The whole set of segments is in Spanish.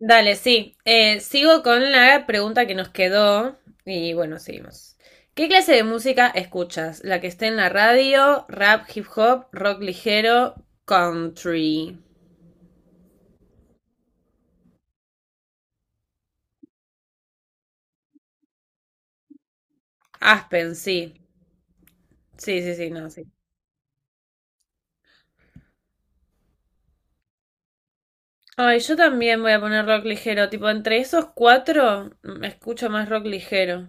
Dale, sí. Sigo con la pregunta que nos quedó y bueno, seguimos. ¿Qué clase de música escuchas? ¿La que esté en la radio, rap, hip hop, rock ligero, country? Aspen, sí. Sí, sí, sí, no, sí. Ay, yo también voy a poner rock ligero. Tipo, entre esos cuatro, escucho más rock ligero.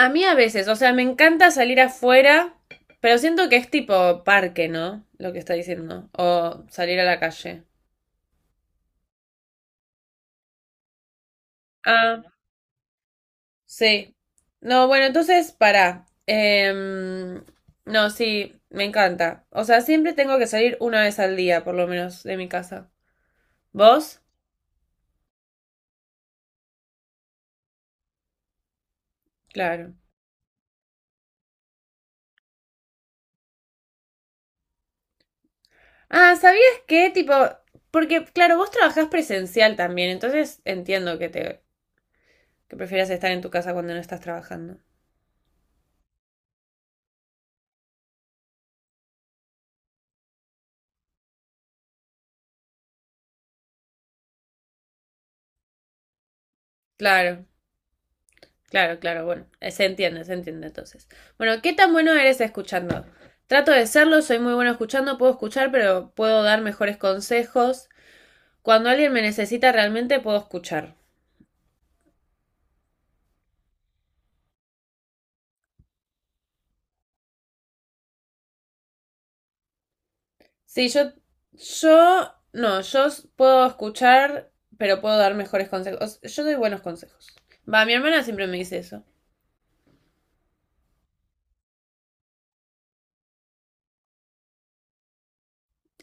A mí a veces, o sea, me encanta salir afuera, pero siento que es tipo parque, ¿no? Lo que está diciendo. O salir a la calle. Ah. Sí. No, bueno, entonces, para. No, sí, me encanta. O sea, siempre tengo que salir una vez al día, por lo menos, de mi casa. ¿Vos? Claro. Ah, ¿sabías qué? Tipo, porque, claro, vos trabajás presencial también, entonces entiendo que te, que prefieras estar en tu casa cuando no estás trabajando. Claro, claro, claro, bueno, se entiende entonces. Bueno, ¿qué tan bueno eres escuchando? Trato de serlo, soy muy bueno escuchando, puedo escuchar, pero puedo dar mejores consejos. Cuando alguien me necesita realmente puedo escuchar. Sí, yo, no, yo puedo escuchar, pero puedo dar mejores consejos. Yo doy buenos consejos. Va, mi hermana siempre me dice eso.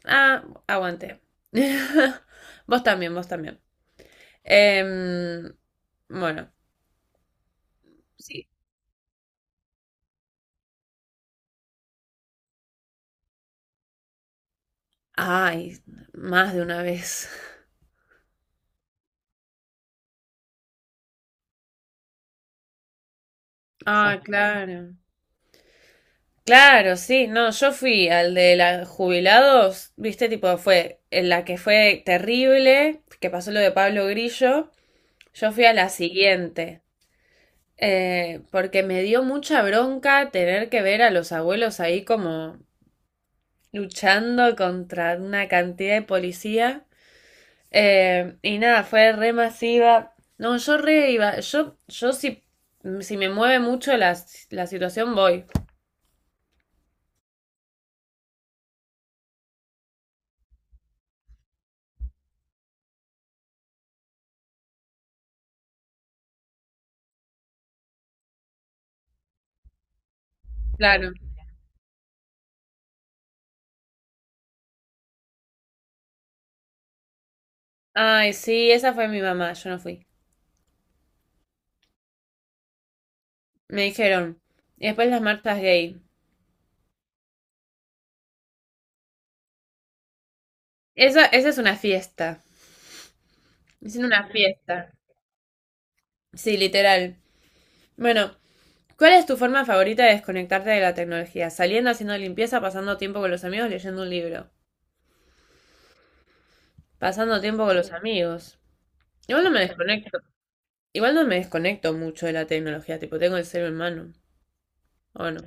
Ah, aguante. Vos también, vos también. Em, bueno, sí. Ay, más de una vez. Ah, claro. Claro, sí, no, yo fui al de los jubilados, viste, tipo, fue en la que fue terrible, que pasó lo de Pablo Grillo, yo fui a la siguiente, porque me dio mucha bronca tener que ver a los abuelos ahí como luchando contra una cantidad de policía, y nada, fue re masiva, no, yo re iba, yo si me mueve mucho la situación voy, claro. Ay, sí, esa fue mi mamá, yo no fui. Me dijeron. Y después las marchas gay. Esa es una fiesta. Es una fiesta. Sí, literal. Bueno, ¿cuál es tu forma favorita de desconectarte de la tecnología? Saliendo, haciendo limpieza, pasando tiempo con los amigos, leyendo un libro. Pasando tiempo con los amigos. Igual no me desconecto. Igual no me desconecto mucho de la tecnología. Tipo, tengo el celu en mano. Bueno.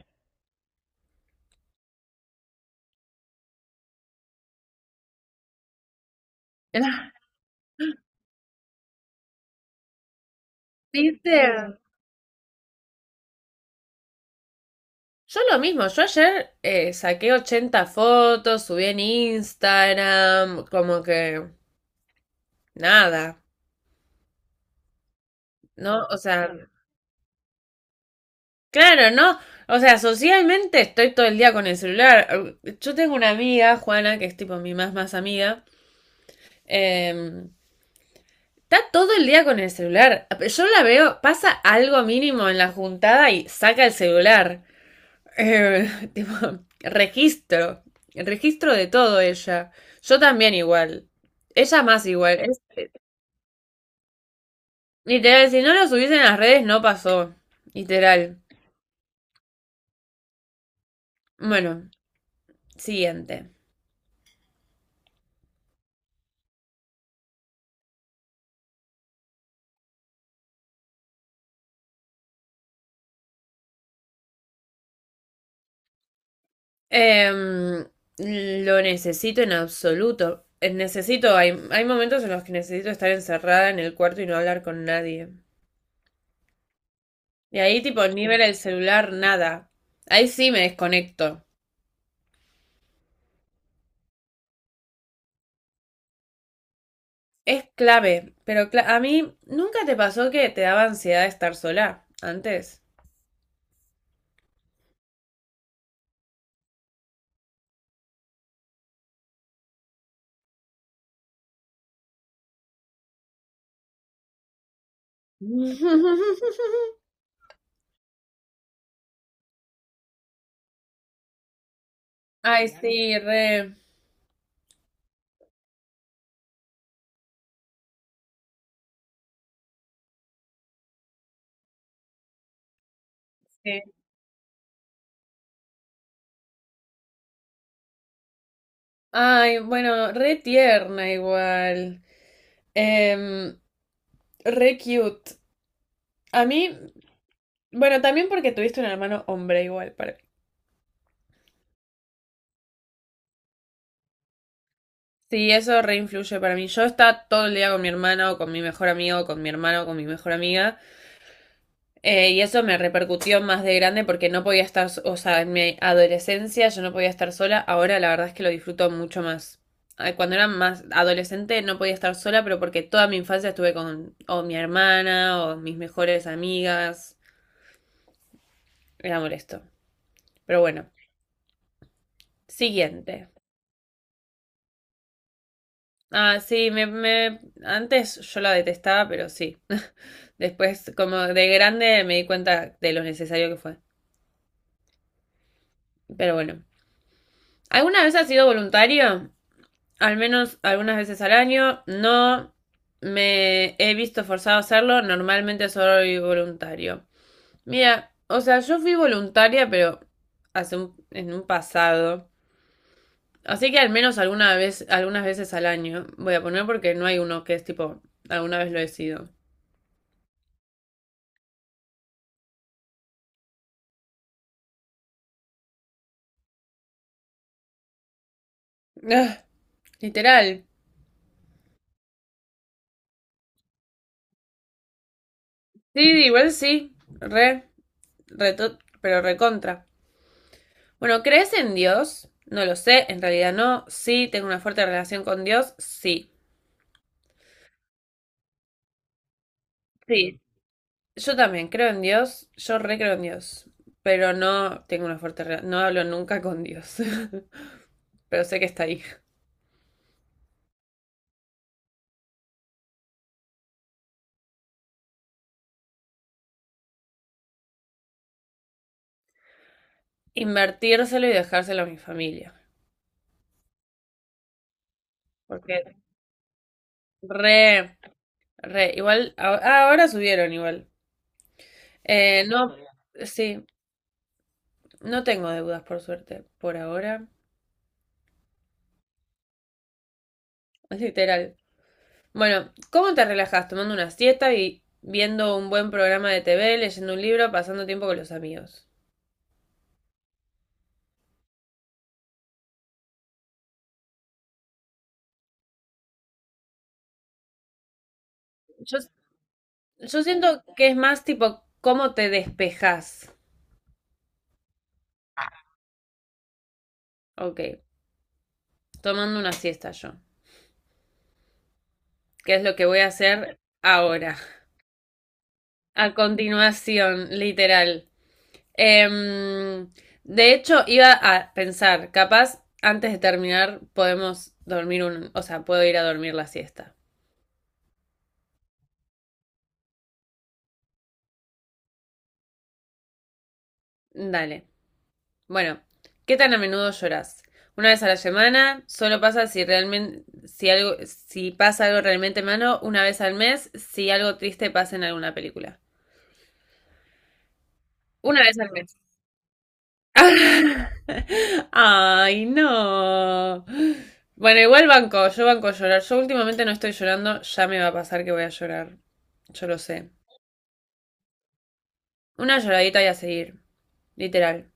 ¿Viste? Yo lo mismo, yo ayer saqué 80 fotos, subí en Instagram, como que nada. No, o sea, claro, ¿no? O sea, socialmente estoy todo el día con el celular. Yo tengo una amiga, Juana, que es tipo mi más más amiga. eh, Está todo el día con el celular. Yo la veo, pasa algo mínimo en la juntada y saca el celular. Eh, Tipo, registro. Registro de todo ella. Yo también igual. Ella más igual. Literal, si no lo subiesen en las redes no pasó. Literal. Bueno, siguiente. Em, lo necesito en absoluto. Hay momentos en los que necesito estar encerrada en el cuarto y no hablar con nadie. Y ahí tipo ni ver el celular, nada. Ahí sí me desconecto. Es clave, pero a mí nunca te pasó que te daba ansiedad estar sola antes. Ay, claro, sí, re. Sí. Ay, bueno, re tierna igual. Em, Re cute. A mí Bueno, también porque tuviste un hermano hombre igual para mí. Sí, eso reinfluye para mí. Yo estaba todo el día con mi hermano, con mi mejor amigo, con mi hermano, con mi mejor amiga, y eso me repercutió más de grande porque no podía estar, o sea, en mi adolescencia yo no podía estar sola. Ahora la verdad es que lo disfruto mucho más. Ay, cuando era más adolescente no podía estar sola, pero porque toda mi infancia estuve con o mi hermana o mis mejores amigas. Era molesto. Pero bueno, siguiente. Ah, sí, me antes yo la detestaba, pero sí. Después, como de grande, me di cuenta de lo necesario que fue. Pero bueno. ¿Alguna vez has sido voluntario? Al menos algunas veces al año. No me he visto forzado a hacerlo. Normalmente soy voluntario. Mira, o sea, yo fui voluntaria, pero en un pasado. Así que al menos alguna vez, algunas veces al año. Voy a poner porque no hay uno que es tipo, alguna vez lo he sido. Literal. Sí, igual sí. Pero recontra. Bueno, ¿crees en Dios? No lo sé, en realidad no. Sí, tengo una fuerte relación con Dios. Sí. Sí. Yo también creo en Dios. Yo re creo en Dios. Pero no tengo una fuerte relación. No hablo nunca con Dios. Pero sé que está ahí. Invertírselo y dejárselo a mi familia. Porque re, re. Igual, ahora subieron igual. No, sí. No tengo deudas, por suerte, por ahora. Es literal. Bueno, ¿cómo te relajas? Tomando una siesta y viendo un buen programa de TV, leyendo un libro, pasando tiempo con los amigos. Yo, yo siento que es más tipo cómo te despejas. Ok, tomando una siesta yo. ¿Qué es lo que voy a hacer ahora? A continuación, literal. Em, de hecho, iba a pensar, capaz antes de terminar podemos dormir un, o sea, puedo ir a dormir la siesta. Dale. Bueno, ¿qué tan a menudo lloras? Una vez a la semana, solo pasa si realmente, si algo, si pasa algo realmente malo, una vez al mes, si algo triste pasa en alguna película. Una vez al mes. Ay, no. Bueno, igual banco, yo banco llorar. Yo últimamente no estoy llorando, ya me va a pasar que voy a llorar. Yo lo sé. Una lloradita y a seguir. Literal.